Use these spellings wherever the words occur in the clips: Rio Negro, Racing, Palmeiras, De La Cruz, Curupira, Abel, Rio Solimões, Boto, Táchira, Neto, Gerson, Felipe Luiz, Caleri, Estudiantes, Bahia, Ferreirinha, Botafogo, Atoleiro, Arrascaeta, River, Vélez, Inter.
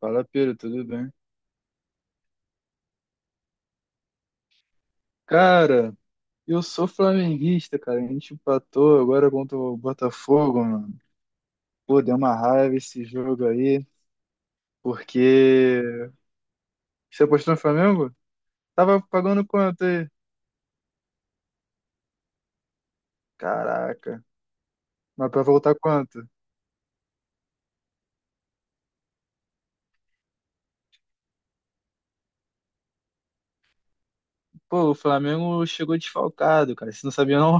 Fala, Pedro, tudo bem? Cara, eu sou flamenguista, cara. A gente empatou agora contra o Botafogo, mano. Pô, deu uma raiva esse jogo aí, porque. Você apostou no Flamengo? Tava pagando quanto aí? Caraca. Mas pra voltar quanto? Pô, o Flamengo chegou desfalcado, cara. Você não sabia, não?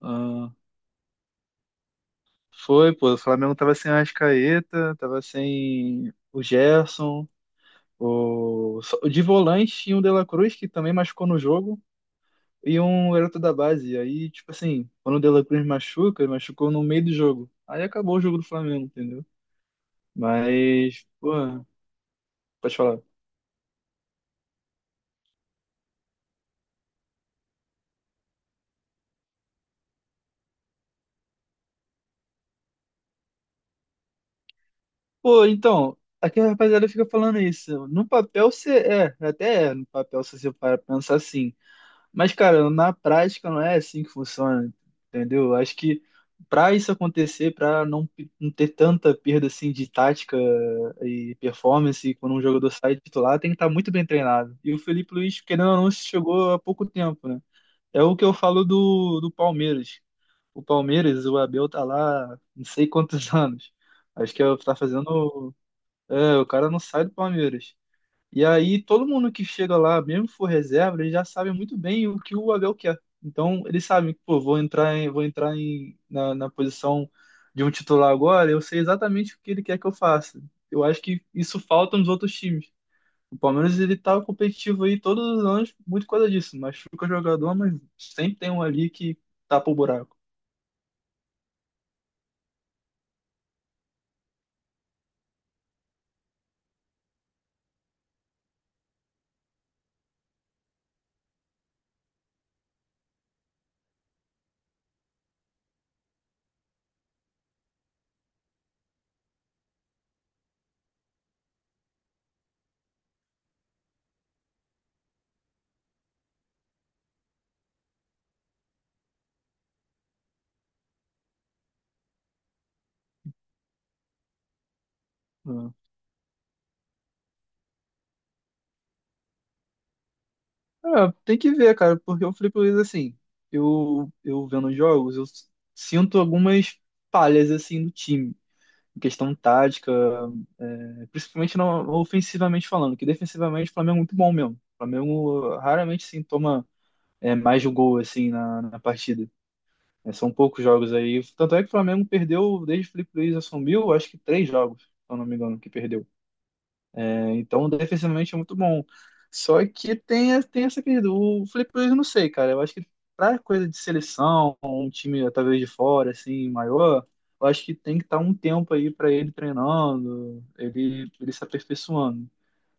Ah, foi, pô. O Flamengo tava sem Arrascaeta, tava sem o Gerson. De volante tinha o De La Cruz, que também machucou no jogo. E um garoto da base. Aí, tipo assim, quando o De La Cruz machuca, ele machucou no meio do jogo. Aí acabou o jogo do Flamengo, entendeu? Mas, pô, pode falar. Pô, então, aqui a rapaziada fica falando isso. No papel você é, até é, no papel se você para pensar assim. Mas, cara, na prática não é assim que funciona, entendeu? Acho que para isso acontecer, para não ter tanta perda assim de tática e performance quando um jogador sai de titular, tem que estar muito bem treinado. E o Felipe Luiz, querendo ou não, chegou há pouco tempo, né? É o que eu falo do Palmeiras. O Palmeiras, o Abel tá lá não sei quantos anos. Acho que é o que tá fazendo. É, o cara não sai do Palmeiras. E aí todo mundo que chega lá, mesmo que for reserva, eles já sabem muito bem o que o Abel quer. Então eles sabem que, pô, vou entrar na, na posição de um titular agora, eu sei exatamente o que ele quer que eu faça. Eu acho que isso falta nos outros times. O Palmeiras ele tá competitivo aí todos os anos, muito coisa disso. Machuca jogador, mas sempre tem um ali que tapa o buraco. É, é, tem que ver, cara, porque o Felipe Luiz, assim, eu vendo os jogos, eu sinto algumas falhas, assim, do time. Em questão tática, é, principalmente no, ofensivamente falando, que defensivamente o Flamengo é muito bom mesmo. O Flamengo raramente sim toma é, mais de um gol assim na partida. É, são poucos jogos aí. Tanto é que o Flamengo perdeu, desde que o Felipe Luiz assumiu, acho que três jogos, se eu não me engano, que perdeu, né? Então, defensivamente é muito bom. Só que tem essa questão. O Felipe Luiz, eu não sei, cara. Eu acho que pra coisa de seleção, um time talvez de fora, assim, maior, eu acho que tem que estar um tempo aí pra ele treinando, ele se aperfeiçoando.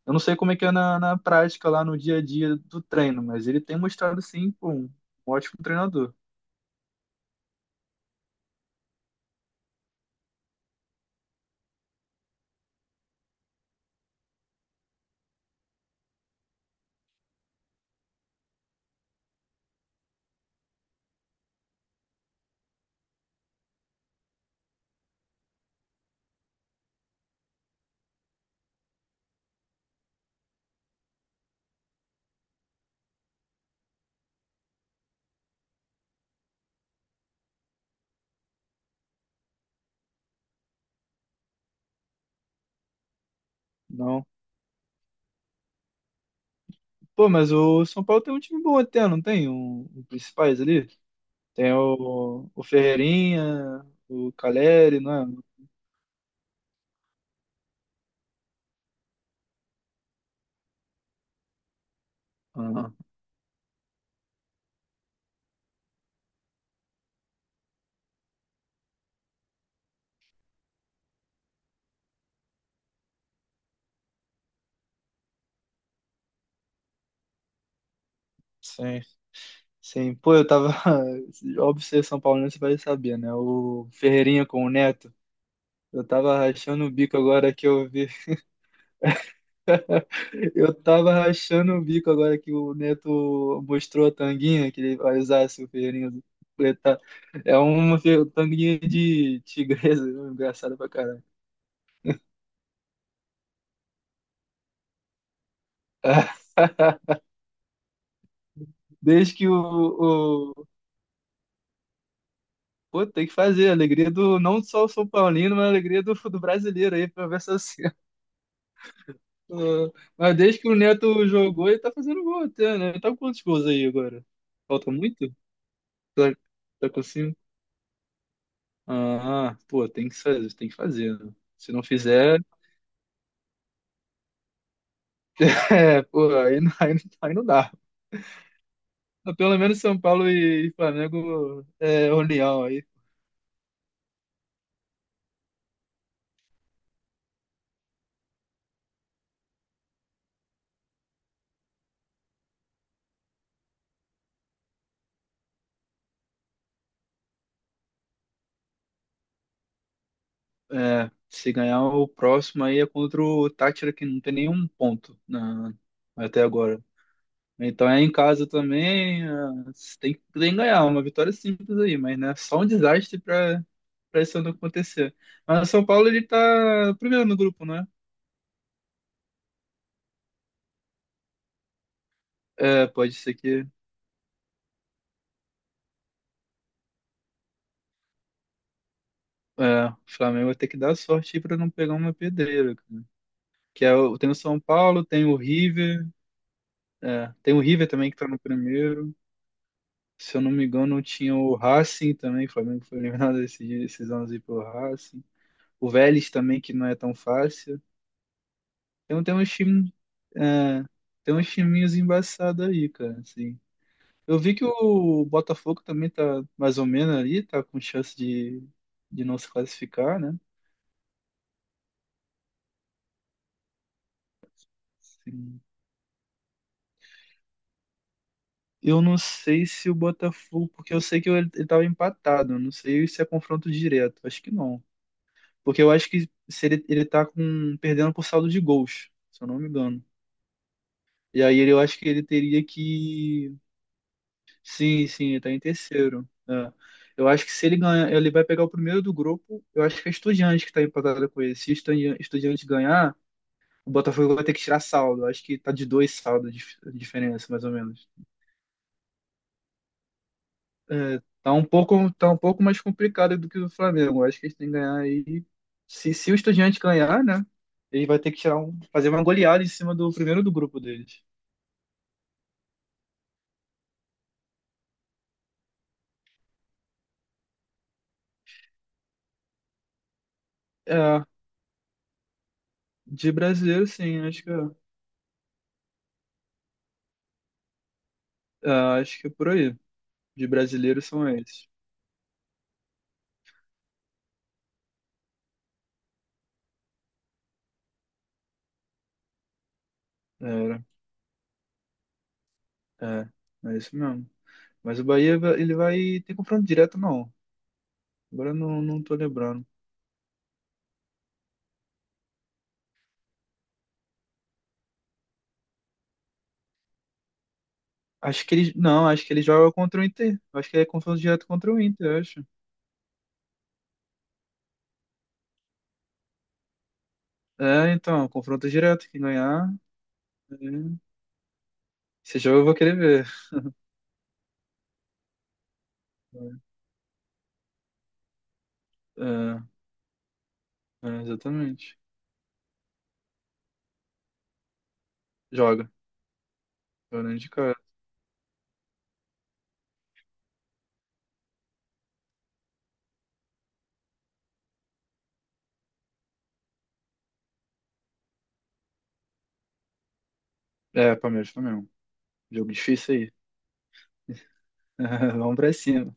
Eu não sei como é que é na prática, lá no dia a dia do treino, mas ele tem mostrado, sim, pô, um ótimo treinador. Não. Pô, mas o São Paulo tem um time bom até, não tem? Um principais ali? Tem o Ferreirinha, o Caleri, não é? Aham, sim, sim. Pô, eu tava. Óbvio, você é São Paulo, você vai saber, né? O Ferreirinha com o Neto. Eu tava rachando o bico agora que eu vi. Eu tava rachando o bico agora que o Neto mostrou a tanguinha que ele vai usar se o Ferreirinha completar. É uma tanguinha de tigresa, engraçado pra caralho. Desde que o, Pô, tem que fazer. Alegria do, não só o São Paulino, mas a alegria do brasileiro aí, pra ver essa cena. Ah, mas desde que o Neto jogou, ele tá fazendo gol até, né? Ele tá com quantos gols aí agora? Falta muito? Tá, tá com cinco? Ah, pô, tem que fazer, tem que fazer, né? Se não fizer, é, pô, aí não dá. Mas pelo menos São Paulo e Flamengo é união aí. É, se ganhar o próximo aí é contra o Táchira, que não tem nenhum ponto na, até agora. Então é em casa também, ah, você tem que ganhar, uma vitória simples aí, mas né, só um desastre para para isso não acontecer. Mas o São Paulo ele tá primeiro no grupo, né? É, pode ser que é, o Flamengo vai ter que dar sorte para não pegar uma pedreira, cara. Que é, o- tem o São Paulo, tem o River, é, tem o River também que tá no primeiro. Se eu não me engano, tinha o Racing também, o Flamengo foi eliminado esses anos aí pelo Racing. O Vélez também, que não é tão fácil. Então tem uns time, é, tem uns timinhos embaçados aí, cara, assim. Eu vi que o Botafogo também tá mais ou menos ali, tá com chance de não se classificar, né? Sim. Eu não sei se o Botafogo, porque eu sei que ele tava empatado, eu não sei se é confronto direto, acho que não. Porque eu acho que se ele, ele tá com, perdendo por saldo de gols, se eu não me engano. E aí ele, eu acho que ele teria que sim, sim, ele tá em terceiro. É. Eu acho que se ele ganhar, ele vai pegar o primeiro do grupo. Eu acho que é Estudiantes que tá empatada com ele. Se Estudiantes ganhar, o Botafogo vai ter que tirar saldo. Eu acho que tá de dois saldos de diferença, mais ou menos. É, tá um pouco mais complicado do que o Flamengo. Eu acho que eles têm que ganhar aí. Se o Estudiante ganhar, né? Ele vai ter que tirar um, fazer uma goleada em cima do primeiro do grupo deles. É, de brasileiro, sim, acho que é, é, acho que é por aí. De brasileiro são esses. É, é, é isso mesmo. Mas o Bahia, ele vai ter confronto direto, não. Agora eu não, não tô lembrando. Acho que ele, não, acho que ele joga contra o Inter. Acho que é confronto direto contra o Inter, eu acho. É, então, confronto direto. Quem ganhar, é, esse jogo eu vou querer ver. É, é, é, exatamente. Joga. Joga de cara. É, Palmeiras Flamengo. Jogo difícil aí. Vamos pra cima.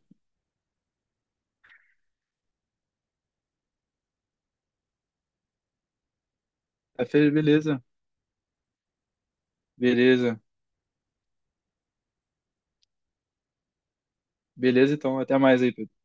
Tá, Fê? Beleza. Beleza. Beleza, então. Até mais aí, Pedro.